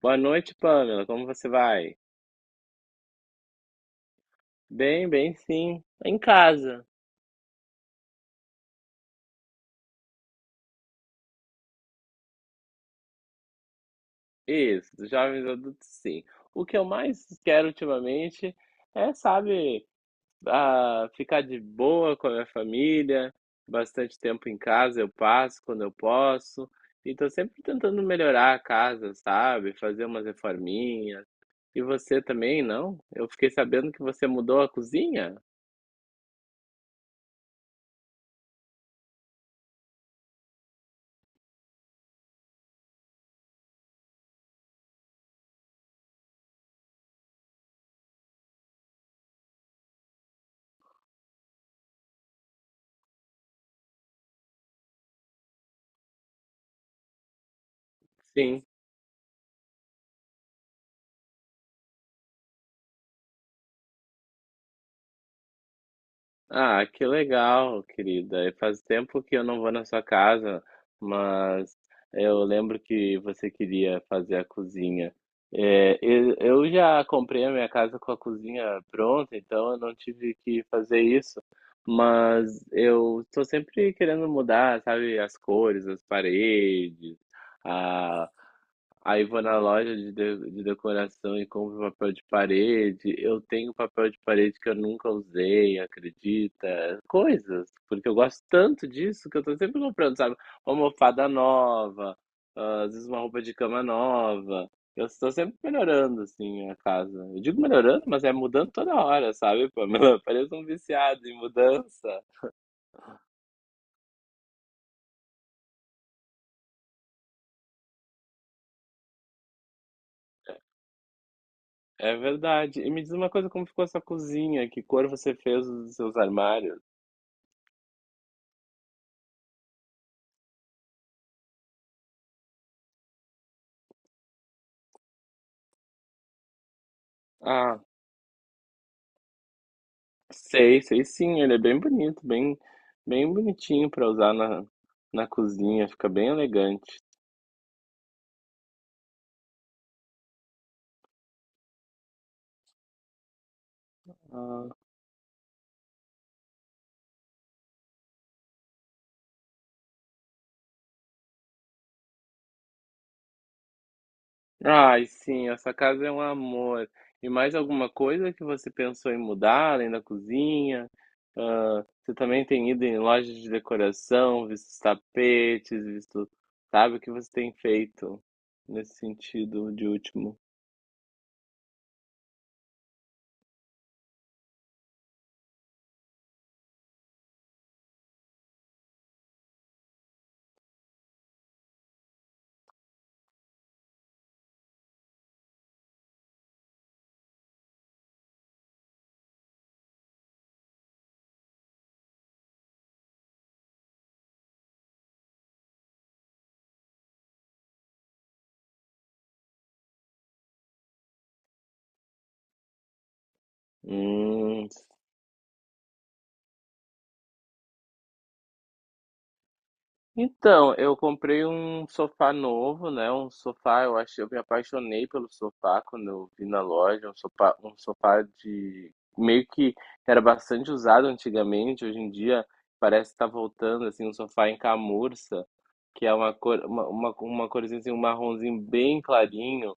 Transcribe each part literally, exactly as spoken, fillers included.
Boa noite, Pamela. Como você vai? Bem, bem, sim. Em casa. Isso, jovens adultos, sim. O que eu mais quero ultimamente é, sabe, ah, ficar de boa com a minha família. Bastante tempo em casa eu passo quando eu posso. E tô sempre tentando melhorar a casa, sabe? Fazer umas reforminhas. E você também, não? Eu fiquei sabendo que você mudou a cozinha? Sim. Ah, que legal, querida. E faz tempo que eu não vou na sua casa, mas eu lembro que você queria fazer a cozinha. É, eu eu já comprei a minha casa com a cozinha pronta, então eu não tive que fazer isso. Mas eu estou sempre querendo mudar, sabe, as cores, as paredes. Aí vou na loja de, de, de decoração e compro papel de parede. Eu tenho papel de parede que eu nunca usei, acredita? Coisas, porque eu gosto tanto disso que eu tô sempre comprando, sabe? Uma almofada nova, ah, às vezes uma roupa de cama nova. Eu estou sempre melhorando, assim, a casa. Eu digo melhorando, mas é mudando toda hora, sabe, Pamela? Parece um viciado em mudança. É verdade. E me diz uma coisa, como ficou a sua cozinha? Que cor você fez os seus armários? Ah, sei, sei sim, ele é bem bonito, bem, bem bonitinho pra usar na, na cozinha, fica bem elegante. Ah, ai, sim, essa casa é um amor. E mais alguma coisa que você pensou em mudar além da cozinha? Ah, você também tem ido em lojas de decoração, visto os tapetes, visto, sabe, o que você tem feito nesse sentido de último? Hum. Então, eu comprei um sofá novo, né? Um sofá, eu acho, eu me apaixonei pelo sofá quando eu vi na loja, um sofá, um sofá de meio que era bastante usado antigamente, hoje em dia parece estar voltando assim, um sofá em camurça, que é uma cor, uma, uma, uma corzinha assim, um marronzinho bem clarinho.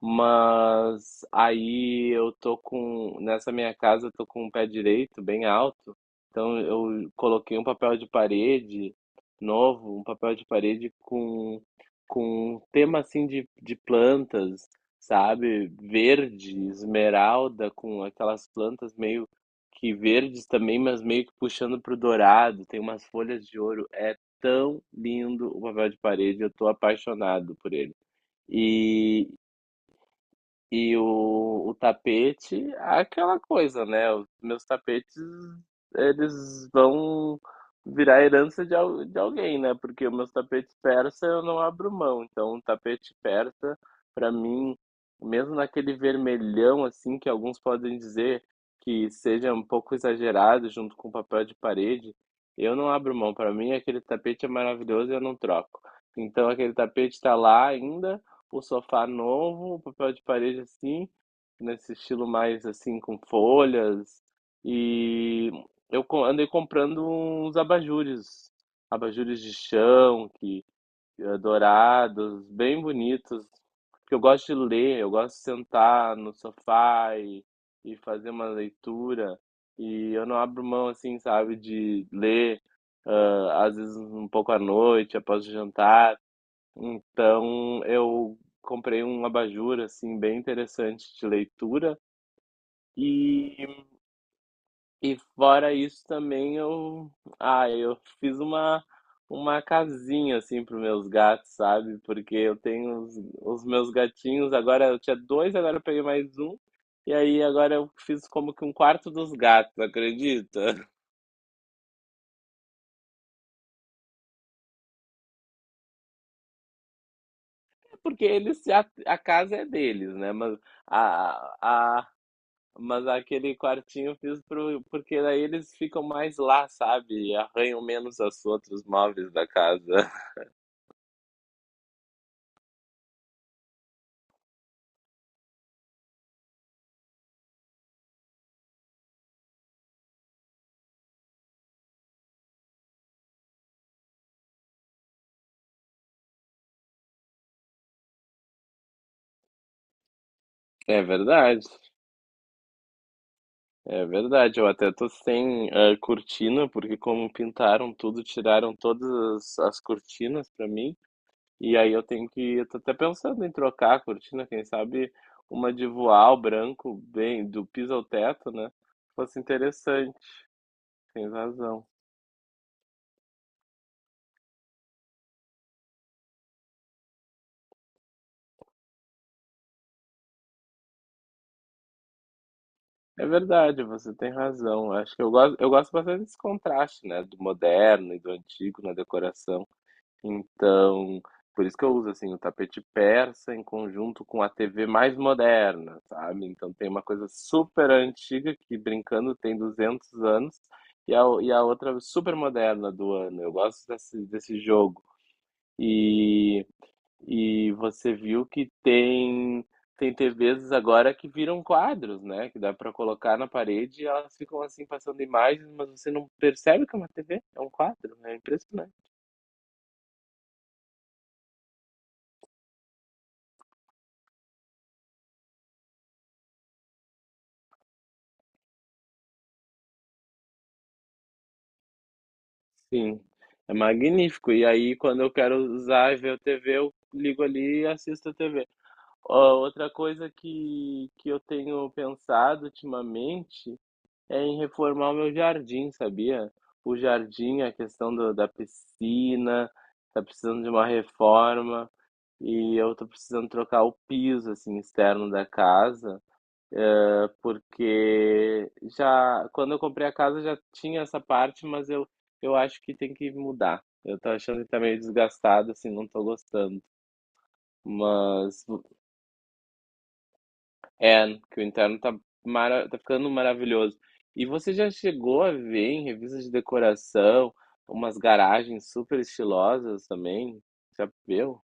Mas aí eu tô com, nessa minha casa eu tô com um pé direito bem alto, então eu coloquei um papel de parede novo, um papel de parede com, com um tema assim de, de plantas, sabe? Verde, esmeralda, com aquelas plantas meio que verdes também, mas meio que puxando pro dourado, tem umas folhas de ouro. É tão lindo o papel de parede, eu tô apaixonado por ele. E, e o, o tapete, é aquela coisa, né? Os meus tapetes, eles vão virar herança de, al- de alguém, né? Porque os meus tapetes persa eu não abro mão. Então, um tapete persa, pra mim, mesmo naquele vermelhão, assim, que alguns podem dizer que seja um pouco exagerado junto com papel de parede, eu não abro mão. Pra mim, aquele tapete é maravilhoso e eu não troco. Então, aquele tapete tá lá ainda, um sofá novo, um papel de parede assim, nesse estilo mais assim com folhas. E eu co- andei comprando uns abajures, abajures de chão, que eh, dourados, bem bonitos, porque eu gosto de ler, eu gosto de sentar no sofá e, e fazer uma leitura. E eu não abro mão assim, sabe, de ler, ah, às vezes um pouco à noite, após o jantar. Então eu comprei um abajur assim bem interessante de leitura e, e fora isso também eu ah, eu fiz uma uma casinha assim para os meus gatos, sabe? Porque eu tenho os, os meus gatinhos, agora eu tinha dois, agora eu peguei mais um. E aí agora eu fiz como que um quarto dos gatos, acredita? Porque eles se a, a casa é deles, né? Mas a, a Mas aquele quartinho eu fiz pro, porque daí eles ficam mais lá, sabe? E arranham menos os outros móveis da casa. É verdade, é verdade. Eu até tô sem eh, cortina, porque como pintaram tudo, tiraram todas as, as cortinas pra mim. E aí eu tenho que, eu tô até pensando em trocar a cortina, quem sabe uma de voal branco, bem, do piso ao teto, né? Fosse interessante, tem razão. É verdade, você tem razão. Acho que eu gosto, eu gosto bastante desse contraste, né, do moderno e do antigo na decoração. Então, por isso que eu uso assim o tapete persa em conjunto com a T V mais moderna, sabe? Então tem uma coisa super antiga que brincando tem duzentos anos e a, o- e a outra super moderna do ano. Eu gosto desse, desse jogo. E e você viu que tem tem T Vs agora que viram quadros, né, que dá para colocar na parede e elas ficam, assim, passando imagens, mas você não percebe que é uma T V, é um quadro, né? É impressionante. Sim, é magnífico. E aí quando eu quero usar e ver a T V, eu ligo ali e assisto a T V. Ó, outra coisa que que eu tenho pensado ultimamente é em reformar o meu jardim, sabia? O jardim, a questão do- da piscina, tá precisando de uma reforma e eu tô precisando trocar o piso assim externo da casa, eh, porque já quando eu comprei a casa já tinha essa parte, mas eu eu acho que tem que mudar. Eu tô achando que tá meio desgastado, assim, não tô gostando. Mas é, que o interno tá, mara tá ficando maravilhoso. E você já chegou a ver em revistas de decoração umas garagens super estilosas também? Já viu?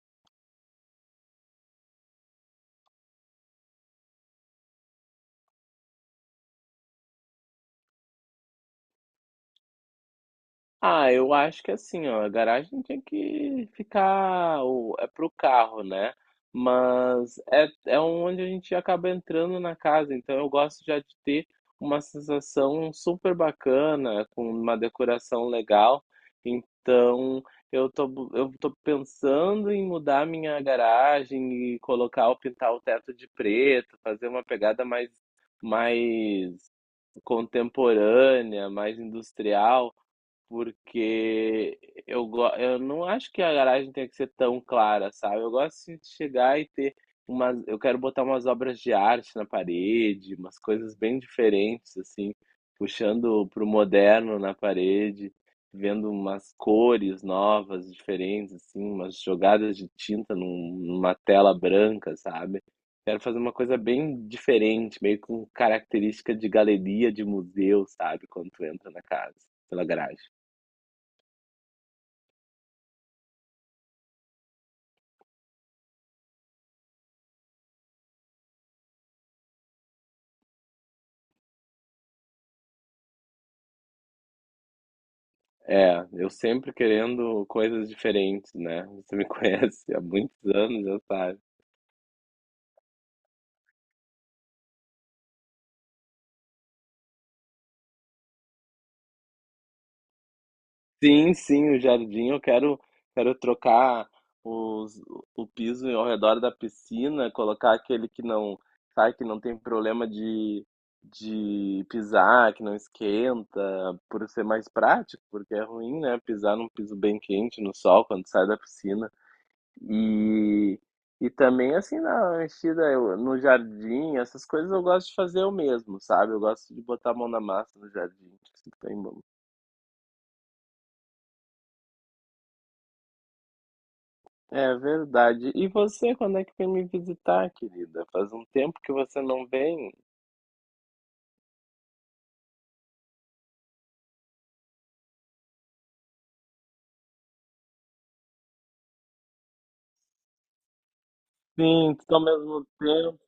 Ah, eu acho que assim, ó, a garagem tinha que ficar, o- é pro carro, né? Mas é, é onde a gente acaba entrando na casa, então eu gosto já de ter uma sensação super bacana, com uma decoração legal. Então, eu tô, bu- eu tô pensando em mudar minha garagem e colocar, pintar o teto de preto, fazer uma pegada mais, mais contemporânea, mais industrial. Porque eu, go- eu não acho que a garagem tenha que ser tão clara, sabe? Eu gosto assim, de chegar e ter umas. Eu quero botar umas obras de arte na parede, umas coisas bem diferentes, assim, puxando pro moderno na parede, vendo umas cores novas, diferentes, assim, umas jogadas de tinta num- numa tela branca, sabe? Quero fazer uma coisa bem diferente, meio com característica de galeria, de museu, sabe? Quando tu entra na casa, pela garagem. É, eu sempre querendo coisas diferentes, né? Você me conhece há muitos anos, já sabe. Sim, sim, o jardim, eu quero, quero trocar os, o piso ao redor da piscina, colocar aquele que não, sabe, que não tem problema de, de pisar, que não esquenta, por ser mais prático, porque é ruim, né? Pisar num piso bem quente no sol quando sai da piscina. E, e também, assim, na mexida, eu- no jardim, essas coisas eu gosto de fazer eu mesmo, sabe? Eu gosto de botar a mão na massa no jardim, assim, tem mão. É verdade. E você, quando é que vem me visitar, querida? Faz um tempo que você não vem. Sim, tudo ao mesmo tempo.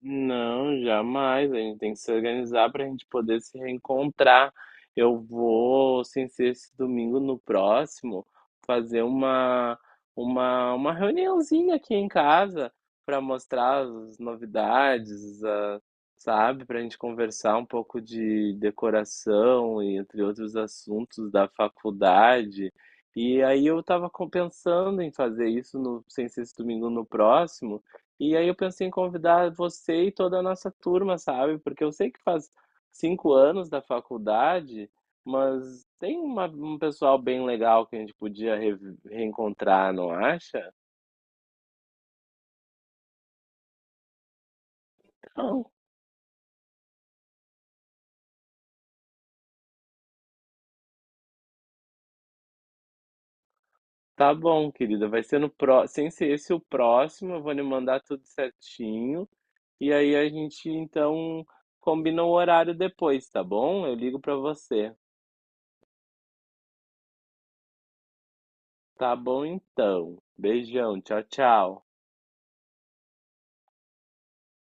Não, jamais. A gente tem que se organizar para a gente poder se reencontrar. Eu vou, sem ser esse domingo, no próximo, fazer uma, uma, uma reuniãozinha aqui em casa para mostrar as novidades, a- sabe? Para a gente conversar um pouco de decoração e entre outros assuntos da faculdade. E aí eu estava pensando em fazer isso no, sem ser esse domingo, no próximo. E aí eu pensei em convidar você e toda a nossa turma, sabe? Porque eu sei que faz cinco anos da faculdade, mas tem uma- um pessoal bem legal que a gente podia re- reencontrar, não acha? Não. Tá bom, querida. Vai ser no pró, sem ser esse o próximo, eu vou lhe mandar tudo certinho. E aí a gente então combina o horário depois, tá bom? Eu ligo pra você. Tá bom então. Beijão, tchau, tchau.